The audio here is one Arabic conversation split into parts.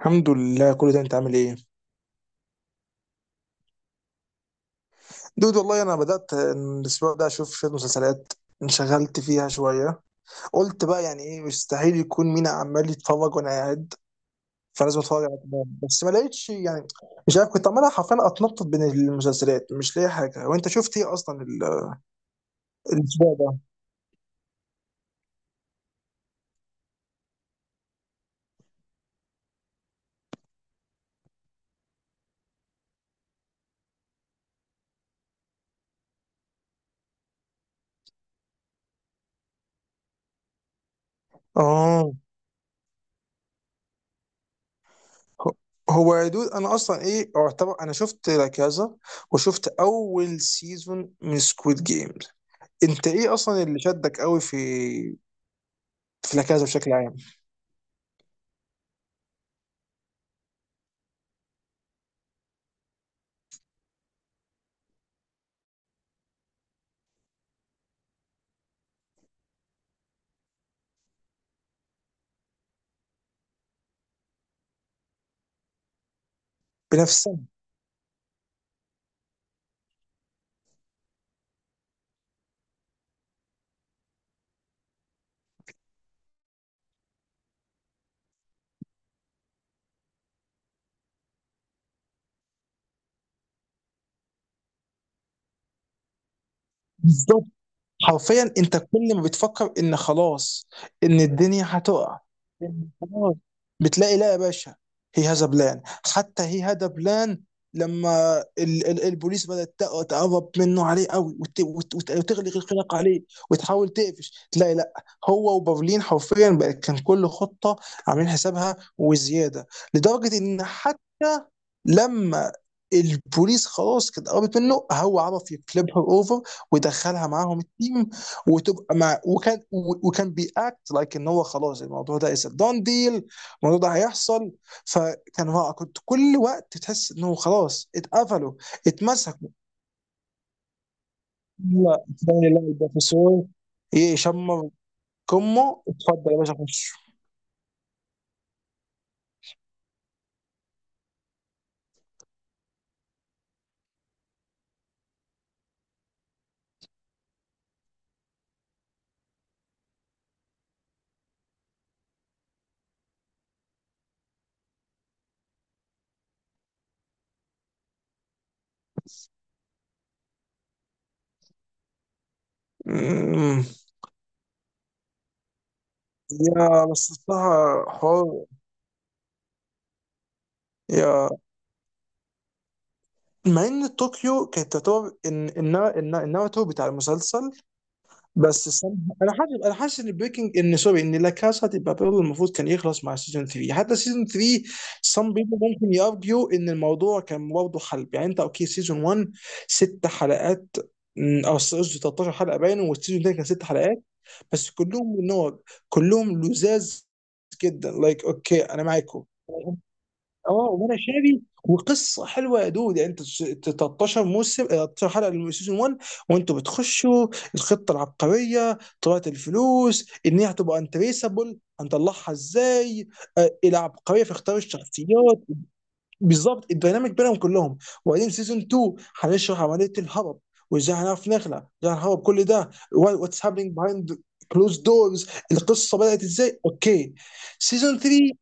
الحمد لله، كل ده انت عامل ايه؟ دود، والله انا بدات الاسبوع ده اشوف شويه مسلسلات، انشغلت فيها شويه. قلت بقى، يعني ايه، مستحيل يكون مينا عمال يتفرج وانا قاعد. فلازم اتفرج على كمان، بس ما لقيتش يعني. مش عارف، كنت عمال حرفيا اتنطط بين المسلسلات، مش لاقي حاجه، وانت شفت ايه اصلا الاسبوع ده؟ اه، هو يا دود، انا اصلا ايه، اعتبر انا شفت لا كازا وشفت اول سيزون من سكويد جيمز. انت ايه اصلا اللي شدك قوي في العكازه بشكل عام؟ بنفس السنه. بالضبط. حرفيا، انت كل ما بتفكر ان خلاص، ان الدنيا هتقع، إن خلاص، بتلاقي لا يا باشا. هي هذا بلان، حتى هي هذا بلان. لما ال البوليس بدأت تقرب منه عليه قوي وتغلق الخناق عليه، وتحاول تقفش، تلاقي لا. هو وبرلين حرفيا بقى كان كل خطة عاملين حسابها وزيادة، لدرجة ان حتى لما البوليس خلاص كانت قربت منه، هو عرف يكلبها اوفر ودخلها معاهم التيم، وتبقى مع، وكان بياكت لايك ان هو خلاص الموضوع ده از دون ديل، الموضوع ده هيحصل. فكان رائع، كنت كل وقت تحس انه خلاص اتقفلوا، اتمسكوا، لا تلاقي لا البروفيسور يشمر كمه، اتفضل يا باشا خش. أمم. يا، بس الصراحة حوار، يا، مع ان طوكيو كانت تعتبر ان الناراتيف بتاع المسلسل. بس الصراحة، انا حاسس ان بريكنج ان سوري ان لا كاسا دي بابيل المفروض كان يخلص مع سيزون 3، حتى سيزون 3. some people ممكن يارجيو ان الموضوع كان برضه حلب، يعني انت اوكي، سيزون 1، ست حلقات، او قصدي 13 حلقه باين، والسيزون الثاني كان ست حلقات. بس كلهم نور، كلهم لزاز جدا، اوكي انا معاكم. اه، وانا شاري، وقصه حلوه يا دود، يعني انت 13 موسم، 13 حلقه من سيزون 1 وانتوا بتخشوا الخطه العبقريه، طلعه الفلوس ان هي هتبقى انتريسابل، هنطلعها ازاي؟ إيه العبقريه في اختيار الشخصيات، بالظبط الديناميك بينهم كلهم. وبعدين سيزون 2، هنشرح عمليه الهرب وازاي هنعرف نخلع، ازاي هنهرب، كل ده واتس هابينج بيهايند كلوز دورز، القصه بدات ازاي، اوكي. سيزون 3.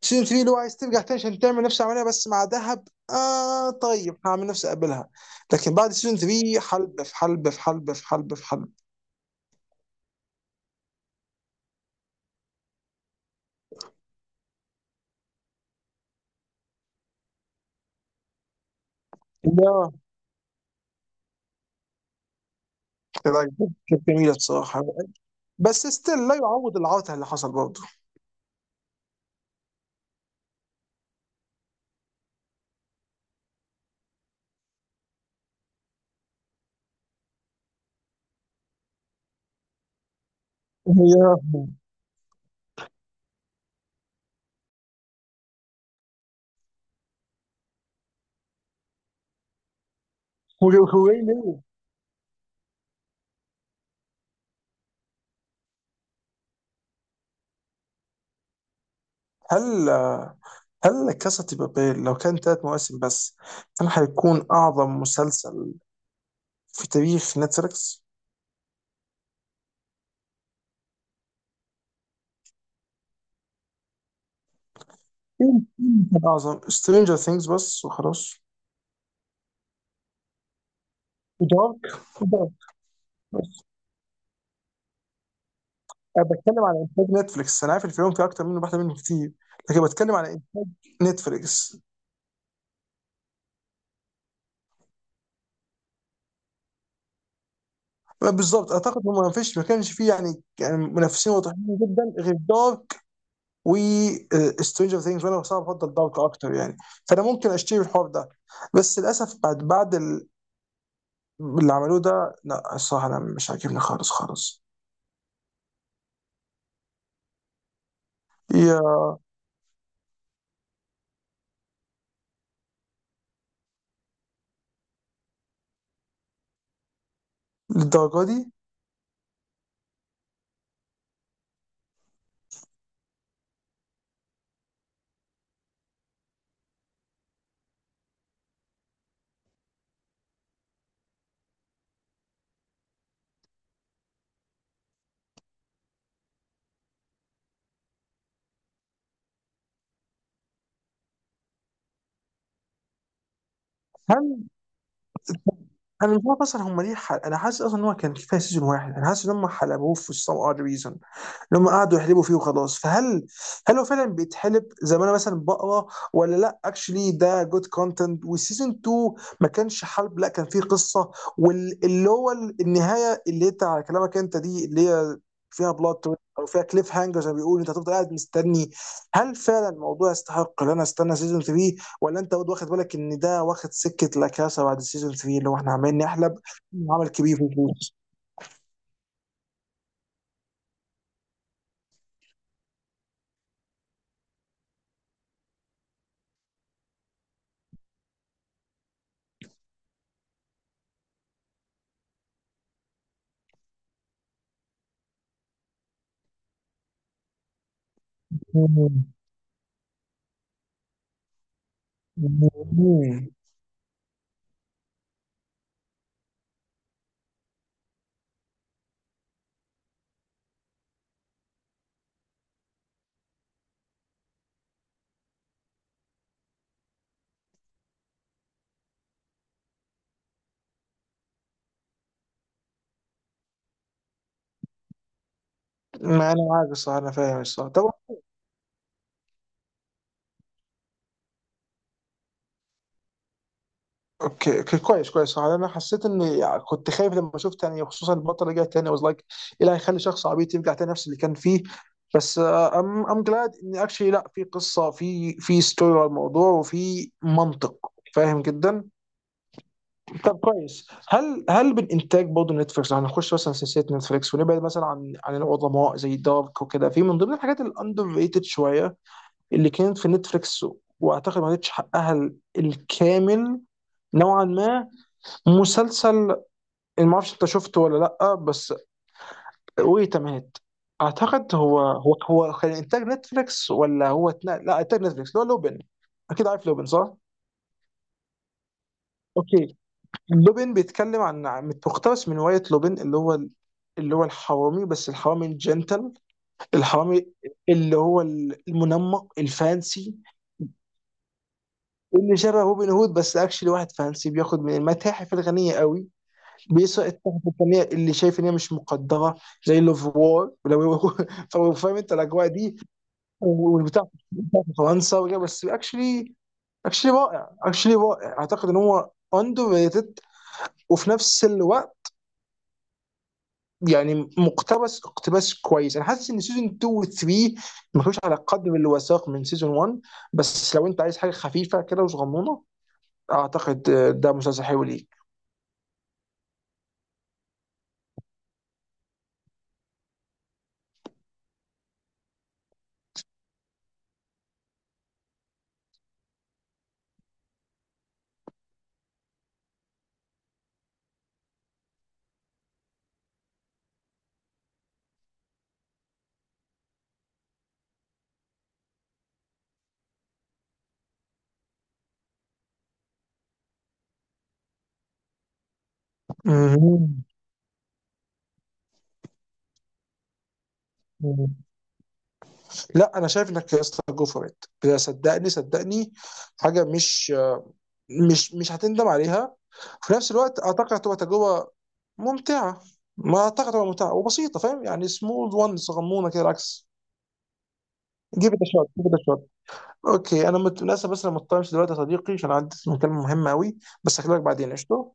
سيزون 3 اللي هو عايز ترجع تاني عشان تعمل نفس العمليه، بس مع ذهب. اه، طيب هعمل نفسي اقبلها. لكن بعد سيزون 3، حلب في حلب في حلب في حلب في حلب. لا، لا، كانت جميله الصراحه، بس ستيل لا يعوض العوته اللي حصل برضه. يا، هو ليه؟ هل هل كاسا دي بابيل لو كان ثلاث مواسم بس، هل هيكون اعظم مسلسل في تاريخ نتفليكس؟ كان اعظم سترينجر ثينجز بس وخلاص. ودارك، ودارك. انا بتكلم على انتاج نتفليكس، انا عارف ان في يوم في اكتر منه، واحده منه كتير، لكن بتكلم على انتاج نتفليكس. بالظبط، اعتقد هم ما كانش فيه يعني منافسين واضحين جدا غير دارك و سترينجر ثينجز، وانا بصراحه بفضل دارك اكتر يعني. فانا ممكن اشتري الحوار ده، بس للاسف بعد اللي عملوه ده، لا الصراحه انا مش عاجبني خالص خالص. يا، للدرجه دي؟ انا مش عارف اصلا هم ليه انا حاسس اصلا ان هو كان كفايه سيزون واحد، انا حاسس ان هم حلبوه في some odd reason، ان هم قعدوا يحلبوا فيه وخلاص، فهل هو فعلا بيتحلب زي ما انا مثلا بقرا، ولا لا، اكشلي ده جود كونتنت، والسيزون 2 ما كانش حلب، لا كان فيه قصه، واللي هو النهايه اللي انت على كلامك انت دي اللي هي فيها بلوت او فيها كليف هانجر زي ما بيقولوا، انت هتفضل قاعد مستني. هل فعلا الموضوع يستحق ان انا استنى سيزون 3؟ ولا انت برضه واخد بالك ان ده واخد سكه لاكاسا بعد السيزون 3، اللي هو احنا عمالين نحلب عمل كبير في الفلوس؟ مم. مم. ما انا عارف الصراحه، انا فاهم الصراحه، طب. اوكي، اوكي، كويس، كويس، صراحه انا حسيت اني كنت خايف لما شفت يعني، خصوصا البطل رجع تاني، I was like ايه اللي هيخلي شخص عبيط يرجع تاني نفس اللي كان فيه، بس ام ام جلاد ان اكشلي، لا في قصه، في ستوري على الموضوع، وفي منطق. فاهم جدا. طب كويس، هل من انتاج برضه نتفليكس، يعني هنخش مثلا سلسله نتفليكس، ونبعد مثلا عن العظماء زي دارك وكده، في من ضمن الحاجات الاندر ريتد شويه اللي كانت في نتفليكس، واعتقد ما خدتش حقها الكامل نوعا ما. مسلسل، ما اعرفش انت شفته ولا لا، بس ويت مات، اعتقد هو كان انتاج نتفليكس، ولا هو لا، انتاج نتفليكس، اللي هو لوبن. اكيد عارف لوبن، صح؟ اوكي. لوبين بيتكلم مقتبس من رواية لوبين، اللي هو اللي هو الحرامي، بس الحرامي الجنتل، الحرامي اللي هو المنمق الفانسي، اللي شبه روبن هود، بس اكشلي واحد فانسي بياخد من المتاحف الغنية قوي، بيسرق التحف الفنية اللي شايف ان هي مش مقدرة، زي لوفوار لو فهو فاهم انت الاجواء دي، والبتاع بتاع في فرنسا وكده. بس اكشلي، اكشلي رائع، اكشلي رائع، اعتقد ان هو اندر ريتد، وفي نفس الوقت يعني مقتبس اقتباس كويس. انا حاسس ان سيزون 2 و 3 ما كانوش على قدر الوثائق من سيزون 1، بس لو انت عايز حاجه خفيفه كده وصغنونه، اعتقد ده مسلسل حلو ليك. مهم. مهم. لا، انا شايف انك يا اسطى جو فور ات، صدقني، صدقني، حاجه مش هتندم عليها. في نفس الوقت، اعتقد هتبقى تجربه ممتعه، ما اعتقد هتبقى ممتعه وبسيطه، فاهم يعني سمول وان صغنونه كده، العكس. جيب ات شوت، جيب ات. اوكي، انا للاسف بس انا مضطر امشي دلوقتي يا صديقي عشان عندي مكالمة مهمة قوي، بس هكلمك بعدين، قشطة.